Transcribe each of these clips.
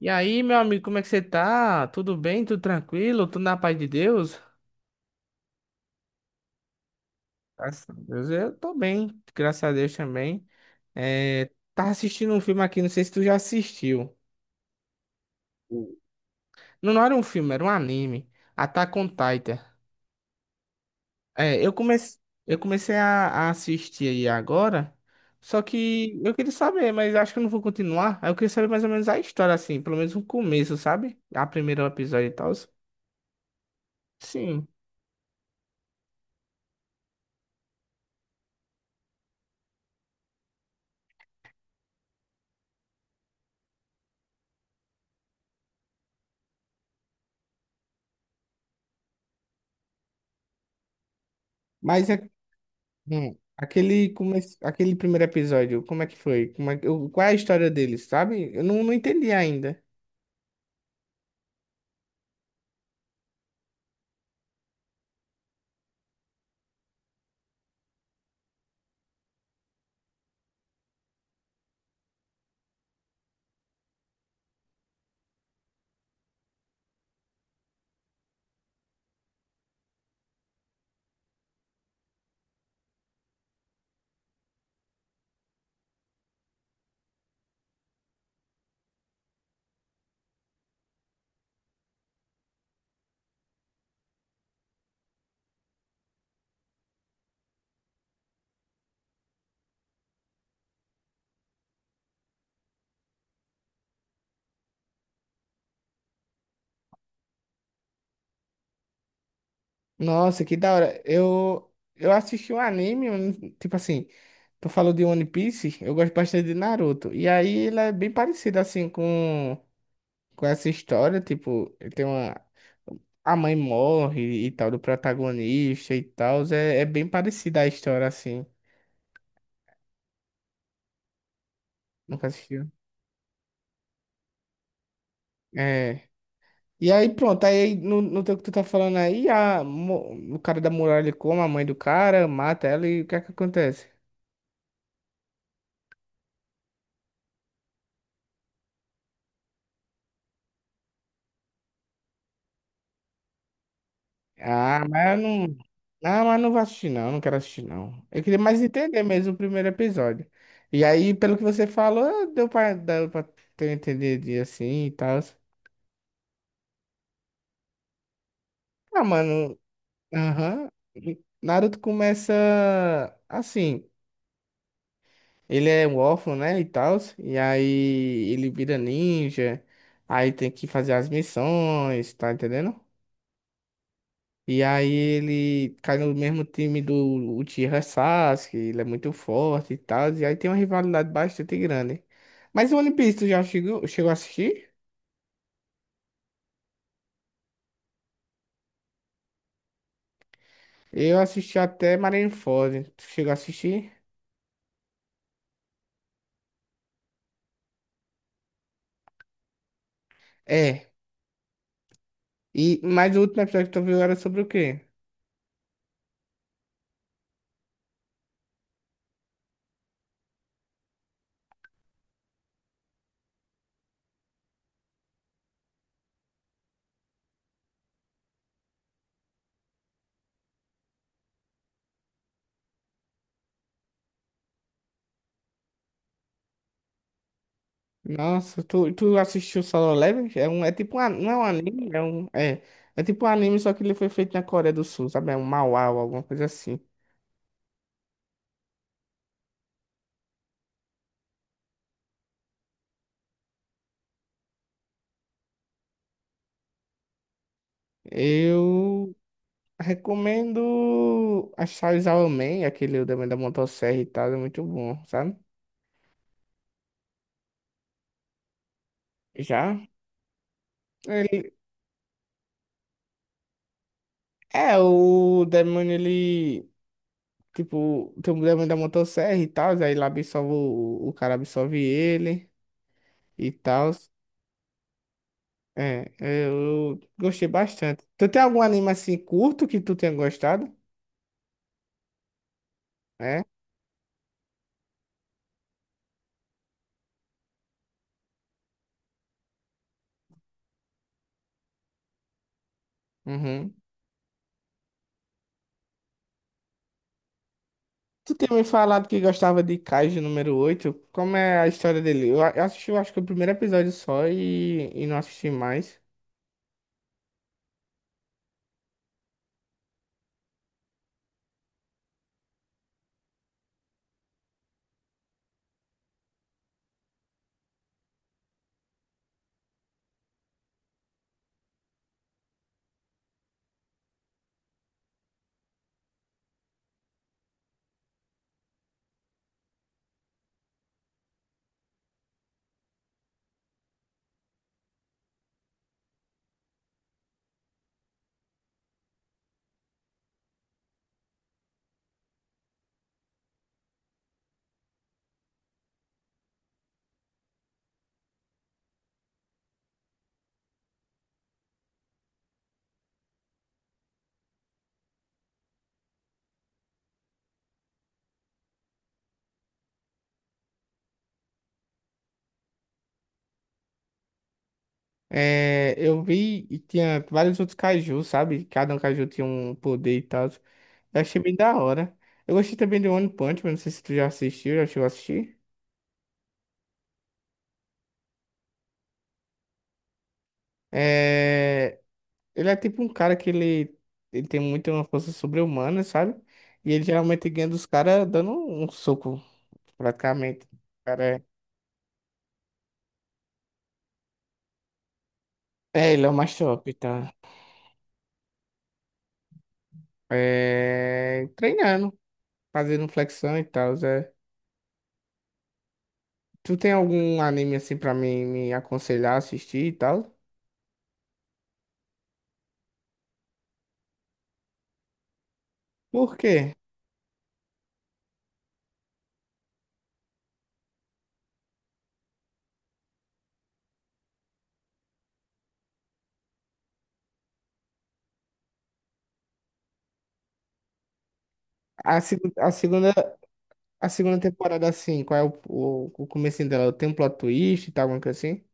E aí, meu amigo, como é que você tá? Tudo bem? Tudo tranquilo? Tudo na paz de Deus? Graças a Deus, eu tô bem, graças a Deus também. É, tava assistindo um filme aqui, não sei se tu já assistiu. Não, não era um filme, era um anime. Attack on Titan. É, eu comecei a assistir aí agora, só que eu queria saber, mas acho que eu não vou continuar. Aí eu queria saber mais ou menos a história, assim, pelo menos o começo, sabe? A primeiro episódio e tal. Sim. Mas é aquele primeiro episódio, como é que foi? Como é... que- o- Qual é a história deles, sabe? Eu não entendi ainda. Nossa, que da hora. Eu assisti um anime, eu não- tipo assim, tu falou de One Piece, eu gosto bastante de Naruto. E aí ele é bem parecido, assim, com, essa história, tipo, a mãe morre e tal, do protagonista e tal, é bem parecida a história, assim. Nunca assistiu? É. E aí, pronto, aí no teu que tu tá falando aí, o cara da muralha come a mãe do cara, mata ela e o que é que acontece? Ah, mas eu não. Ah, mas não vou assistir, não, não quero assistir, não. Eu queria mais entender mesmo o primeiro episódio. E aí, pelo que você falou, deu pra ter entendido e assim e tal. Ah, mano, aham. Naruto começa assim. Ele é um órfão, né, e tal, e aí ele vira ninja, aí tem que fazer as missões, tá entendendo? E aí ele cai no mesmo time do Uchiha Sasuke, ele é muito forte e tal, e aí tem uma rivalidade bastante grande. Mas o One Piece, tu já chegou a assistir? Eu assisti até Marineford, tu chegou a assistir? É, mas o último episódio que tu viu era sobre o quê? Nossa, tu assistiu Solo Leveling? Não é um anime, é tipo um anime, só que ele foi feito na Coreia do Sul, sabe? É um manhwa ou alguma coisa assim. Eu recomendo a Chainsaw Man, aquele também da motosserra e tal, é muito bom, sabe? Já? Ele, o demônio, ele, tipo, tem o demônio da motosserra e tal, aí lá o cara absorve ele e tal. Eu gostei bastante. Tu tem algum anime assim curto que tu tenha gostado? É? Uhum. Tu tinha me falado que gostava de Kaiju número oito. Como é a história dele? Eu assisti, eu acho que o primeiro episódio só e não assisti mais. É, eu vi e tinha vários outros Kaiju, sabe? Cada um Kaiju tinha um poder e tal. Eu achei bem da hora. Eu gostei também de One Punch Man, não sei se tu já assistiu, já chegou a assistir. É, ele é tipo um cara que ele tem muito uma força sobre-humana, sabe? E ele geralmente ganha dos caras dando um soco, praticamente. O Cara, ele é o mais top, tá? É, treinando, fazendo flexão e tal, Zé. Tu tem algum anime assim pra mim me aconselhar a assistir e tal? Por quê? A, segu- a segunda, a segunda temporada, assim, qual é o comecinho dela? Tem um plot twist e tal, alguma coisa assim?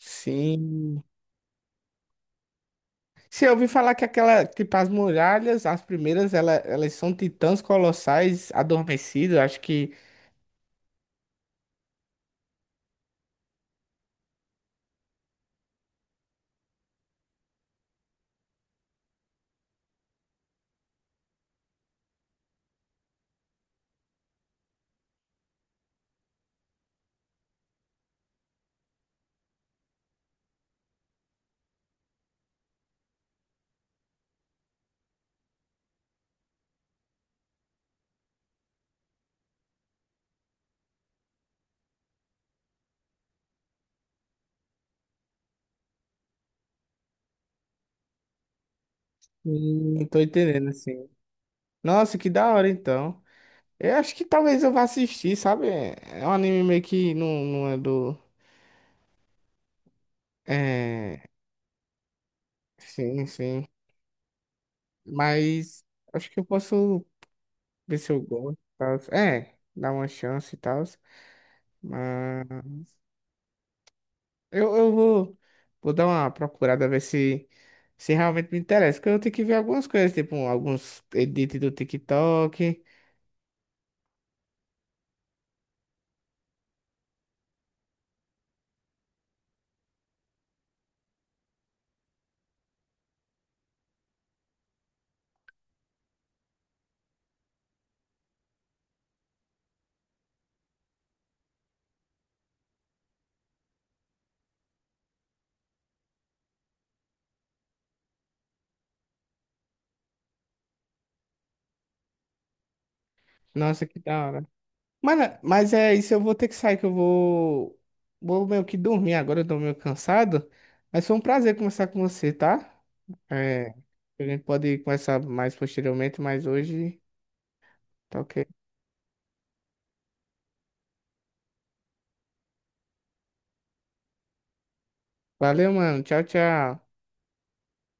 Sim. Sim, eu ouvi falar que aquela, tipo, as muralhas, as primeiras, elas são titãs colossais adormecidos, acho que. Tô entendendo, assim. Nossa, que da hora, então. Eu acho que talvez eu vá assistir, sabe? É um anime meio que não, não é do. É. Sim, sim. Mas acho que eu posso ver se eu gosto e tal. É, dar uma chance e tal. Eu vou dar uma procurada, ver se realmente me interessa. Porque eu tenho que ver algumas coisas, tipo alguns edits do TikTok. Nossa, que da hora. Mas é isso, eu vou ter que sair, que eu vou meio que dormir agora, eu tô meio cansado. Mas foi um prazer conversar com você, tá? É, a gente pode conversar mais posteriormente, mas hoje tá ok. Valeu, mano. Tchau, tchau.